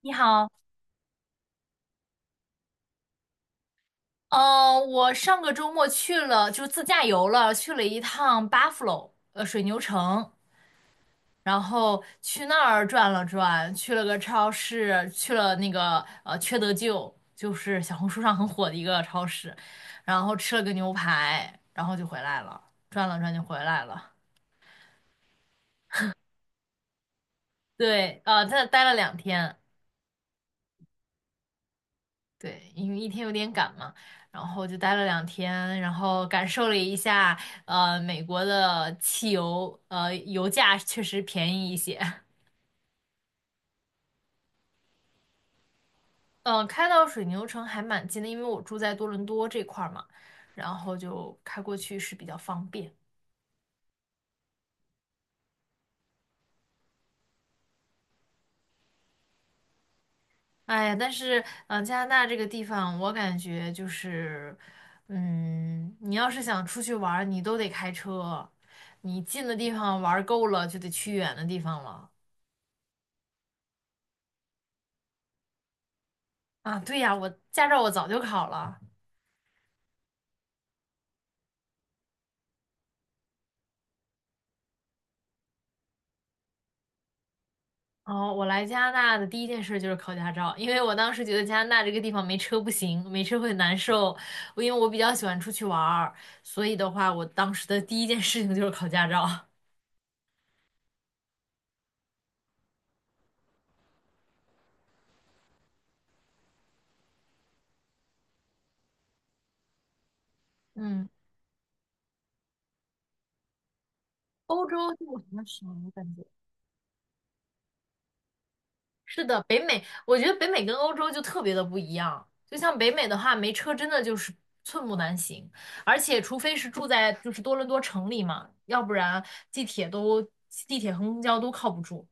你好。我上个周末去了，就自驾游了，去了一趟 Buffalo，水牛城。然后去那儿转了转，去了个超市，去了那个缺德舅，就是小红书上很火的一个超市，然后吃了个牛排，然后就回来了，转了转就回来了。对，在那待了两天。对，因为1天有点赶嘛，然后就待了两天，然后感受了一下。美国的汽油，油价确实便宜一些。嗯、开到水牛城还蛮近的，因为我住在多伦多这块儿嘛，然后就开过去是比较方便。哎呀，但是，加拿大这个地方，我感觉就是，你要是想出去玩儿，你都得开车，你近的地方玩儿够了，就得去远的地方了。啊，对呀，我驾照我早就考了。哦，我来加拿大的第一件事就是考驾照，因为我当时觉得加拿大这个地方没车不行，没车会难受。因为我比较喜欢出去玩儿，所以的话，我当时的第一件事情就是考驾照。嗯，欧洲就很少，我感觉。是的，北美，我觉得北美跟欧洲就特别的不一样。就像北美的话，没车真的就是寸步难行，而且除非是住在就是多伦多城里嘛，要不然地铁都地铁和公交都靠不住。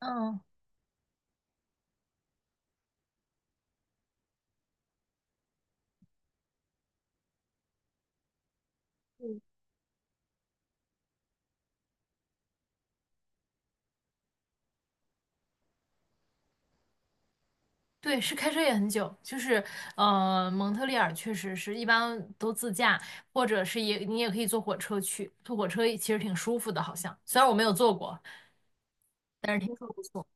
嗯，嗯，对，是开车也很久，就是蒙特利尔确实是一般都自驾，或者是你也可以坐火车去，坐火车其实挺舒服的，好像虽然我没有坐过，但是听说不错。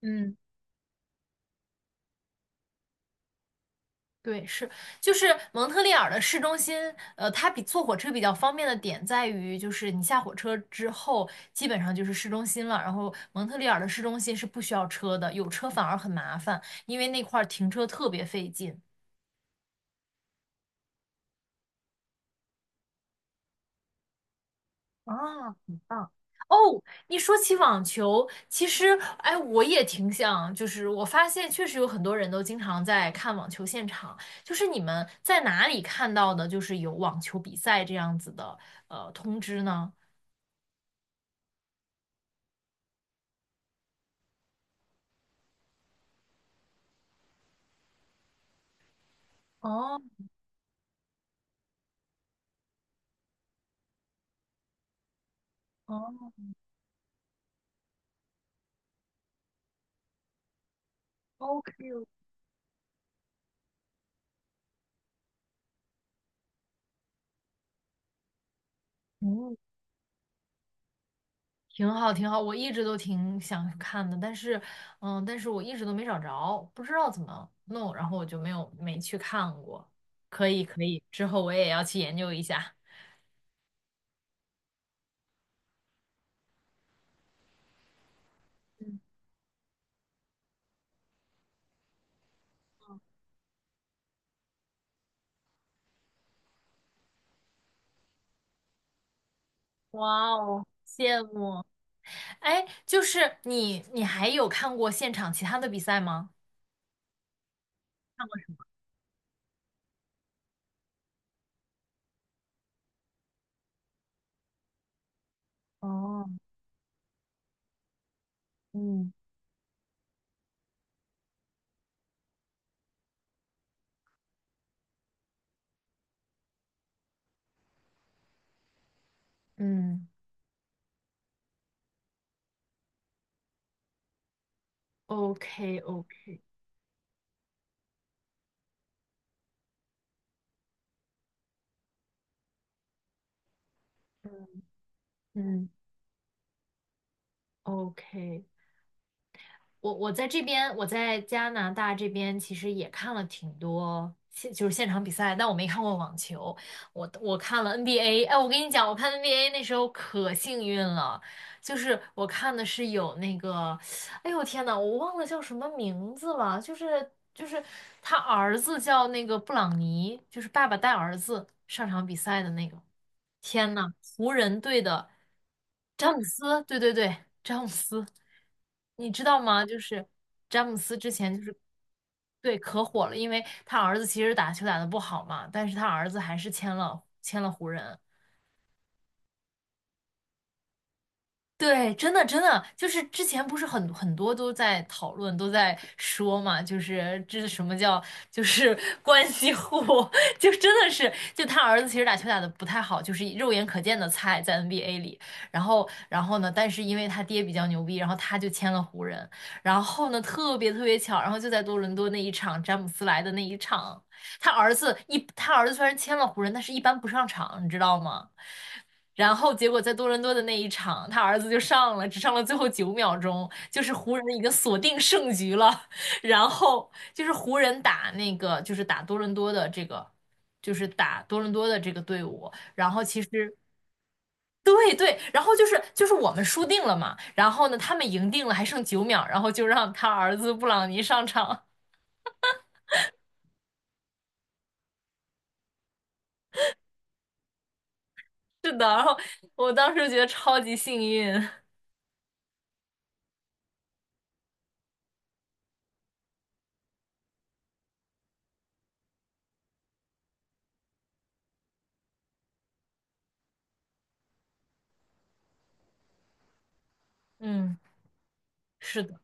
嗯，对，是，就是蒙特利尔的市中心，它比坐火车比较方便的点在于，就是你下火车之后，基本上就是市中心了。然后蒙特利尔的市中心是不需要车的，有车反而很麻烦，因为那块儿停车特别费劲。啊，很棒。哦，你说起网球，其实，哎，我也挺想，就是我发现确实有很多人都经常在看网球现场。就是你们在哪里看到的，就是有网球比赛这样子的通知呢？哦哦，OK，嗯，挺好，挺好，我一直都挺想看的。但是我一直都没找着，不知道怎么弄，然后我就没去看过。可以，可以，之后我也要去研究一下。哇哦，羡慕！哎，就是你还有看过现场其他的比赛吗？哦，嗯嗯，OK OK，嗯嗯，OK。我在这边，我在加拿大这边其实也看了挺多现就是现场比赛，但我没看过网球，我看了 NBA。哎，我跟你讲，我看 NBA 那时候可幸运了，就是我看的是有那个哎呦天呐，我忘了叫什么名字了，就是他儿子叫那个布朗尼，就是爸爸带儿子上场比赛的那个。天呐，湖人队的詹姆斯，对对对，詹姆斯，你知道吗？就是詹姆斯之前就是，对，可火了，因为他儿子其实打球打得不好嘛，但是他儿子还是签了湖人。对，真的真的，就是之前不是很多都在讨论，都在说嘛，就是这是什么叫 关系户，就真的是，就他儿子其实打球打的不太好，就是肉眼可见的菜在 NBA 里，然后呢，但是因为他爹比较牛逼，然后他就签了湖人，然后呢特别特别巧，然后就在多伦多那一场詹姆斯来的那一场，他儿子虽然签了湖人，但是一般不上场，你知道吗？然后结果在多伦多的那一场，他儿子就上了，只上了最后9秒钟，就是湖人已经锁定胜局了。然后就是湖人打那个，就是打多伦多的这个，就是打多伦多的这个队伍。然后其实对对，然后就是我们输定了嘛，然后呢他们赢定了，还剩九秒，然后就让他儿子布朗尼上场。是的，然后我当时觉得超级幸运。嗯，是的，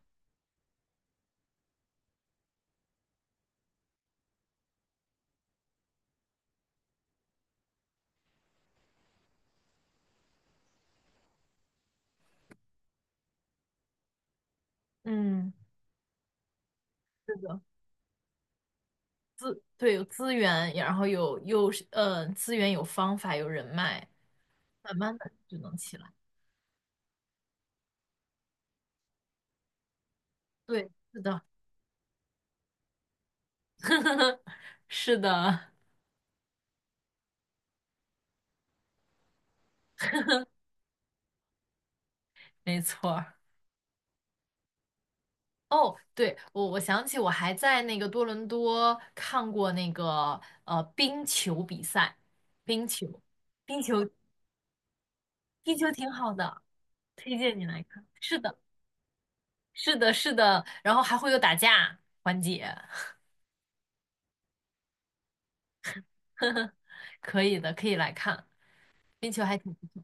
嗯，是的，对，有资源，然后又是资源，有方法，有人脉，慢慢的就能起来。对，是的，是的，没错儿。哦，对，我想起我还在那个多伦多看过那个冰球比赛，冰球，冰球，冰球挺好的，推荐你来看。是的，是的，是的，然后还会有打架环节，可以的，可以来看，冰球还挺不错。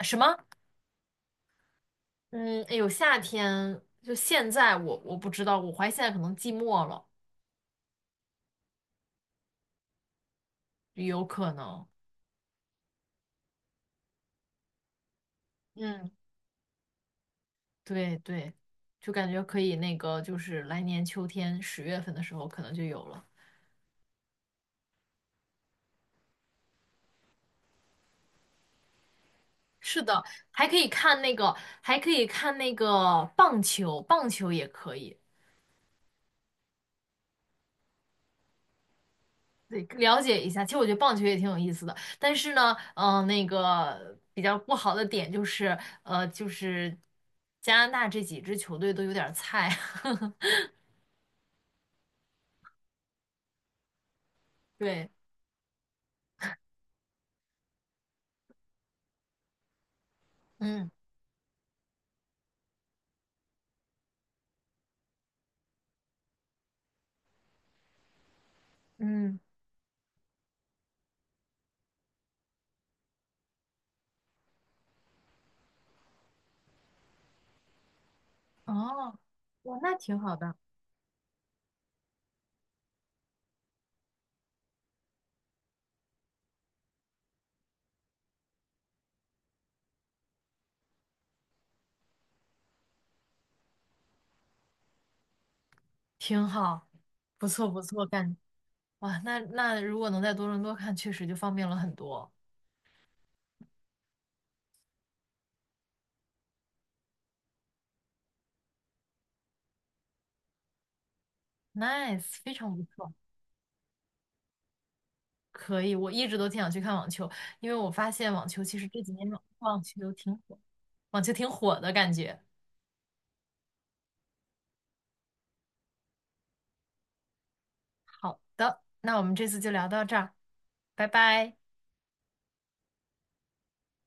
什么？嗯，哎有夏天就现在我不知道，我怀疑现在可能季末了，有可能。嗯，对对，就感觉可以那个，就是来年秋天10月份的时候可能就有了。是的，还可以看那个，还可以看那个棒球，棒球也可以，对，了解一下。其实我觉得棒球也挺有意思的，但是呢，那个比较不好的点就是，呃，就是加拿大这几支球队都有点儿菜，对。嗯嗯，哦，哇，那挺好的，挺好，不错不错，哇，那如果能在多伦多看，确实就方便了很多，nice，非常不错，可以，我一直都挺想去看网球，因为我发现网球其实这几年网球挺火，网球挺火的感觉。好的，那我们这次就聊到这儿，拜拜。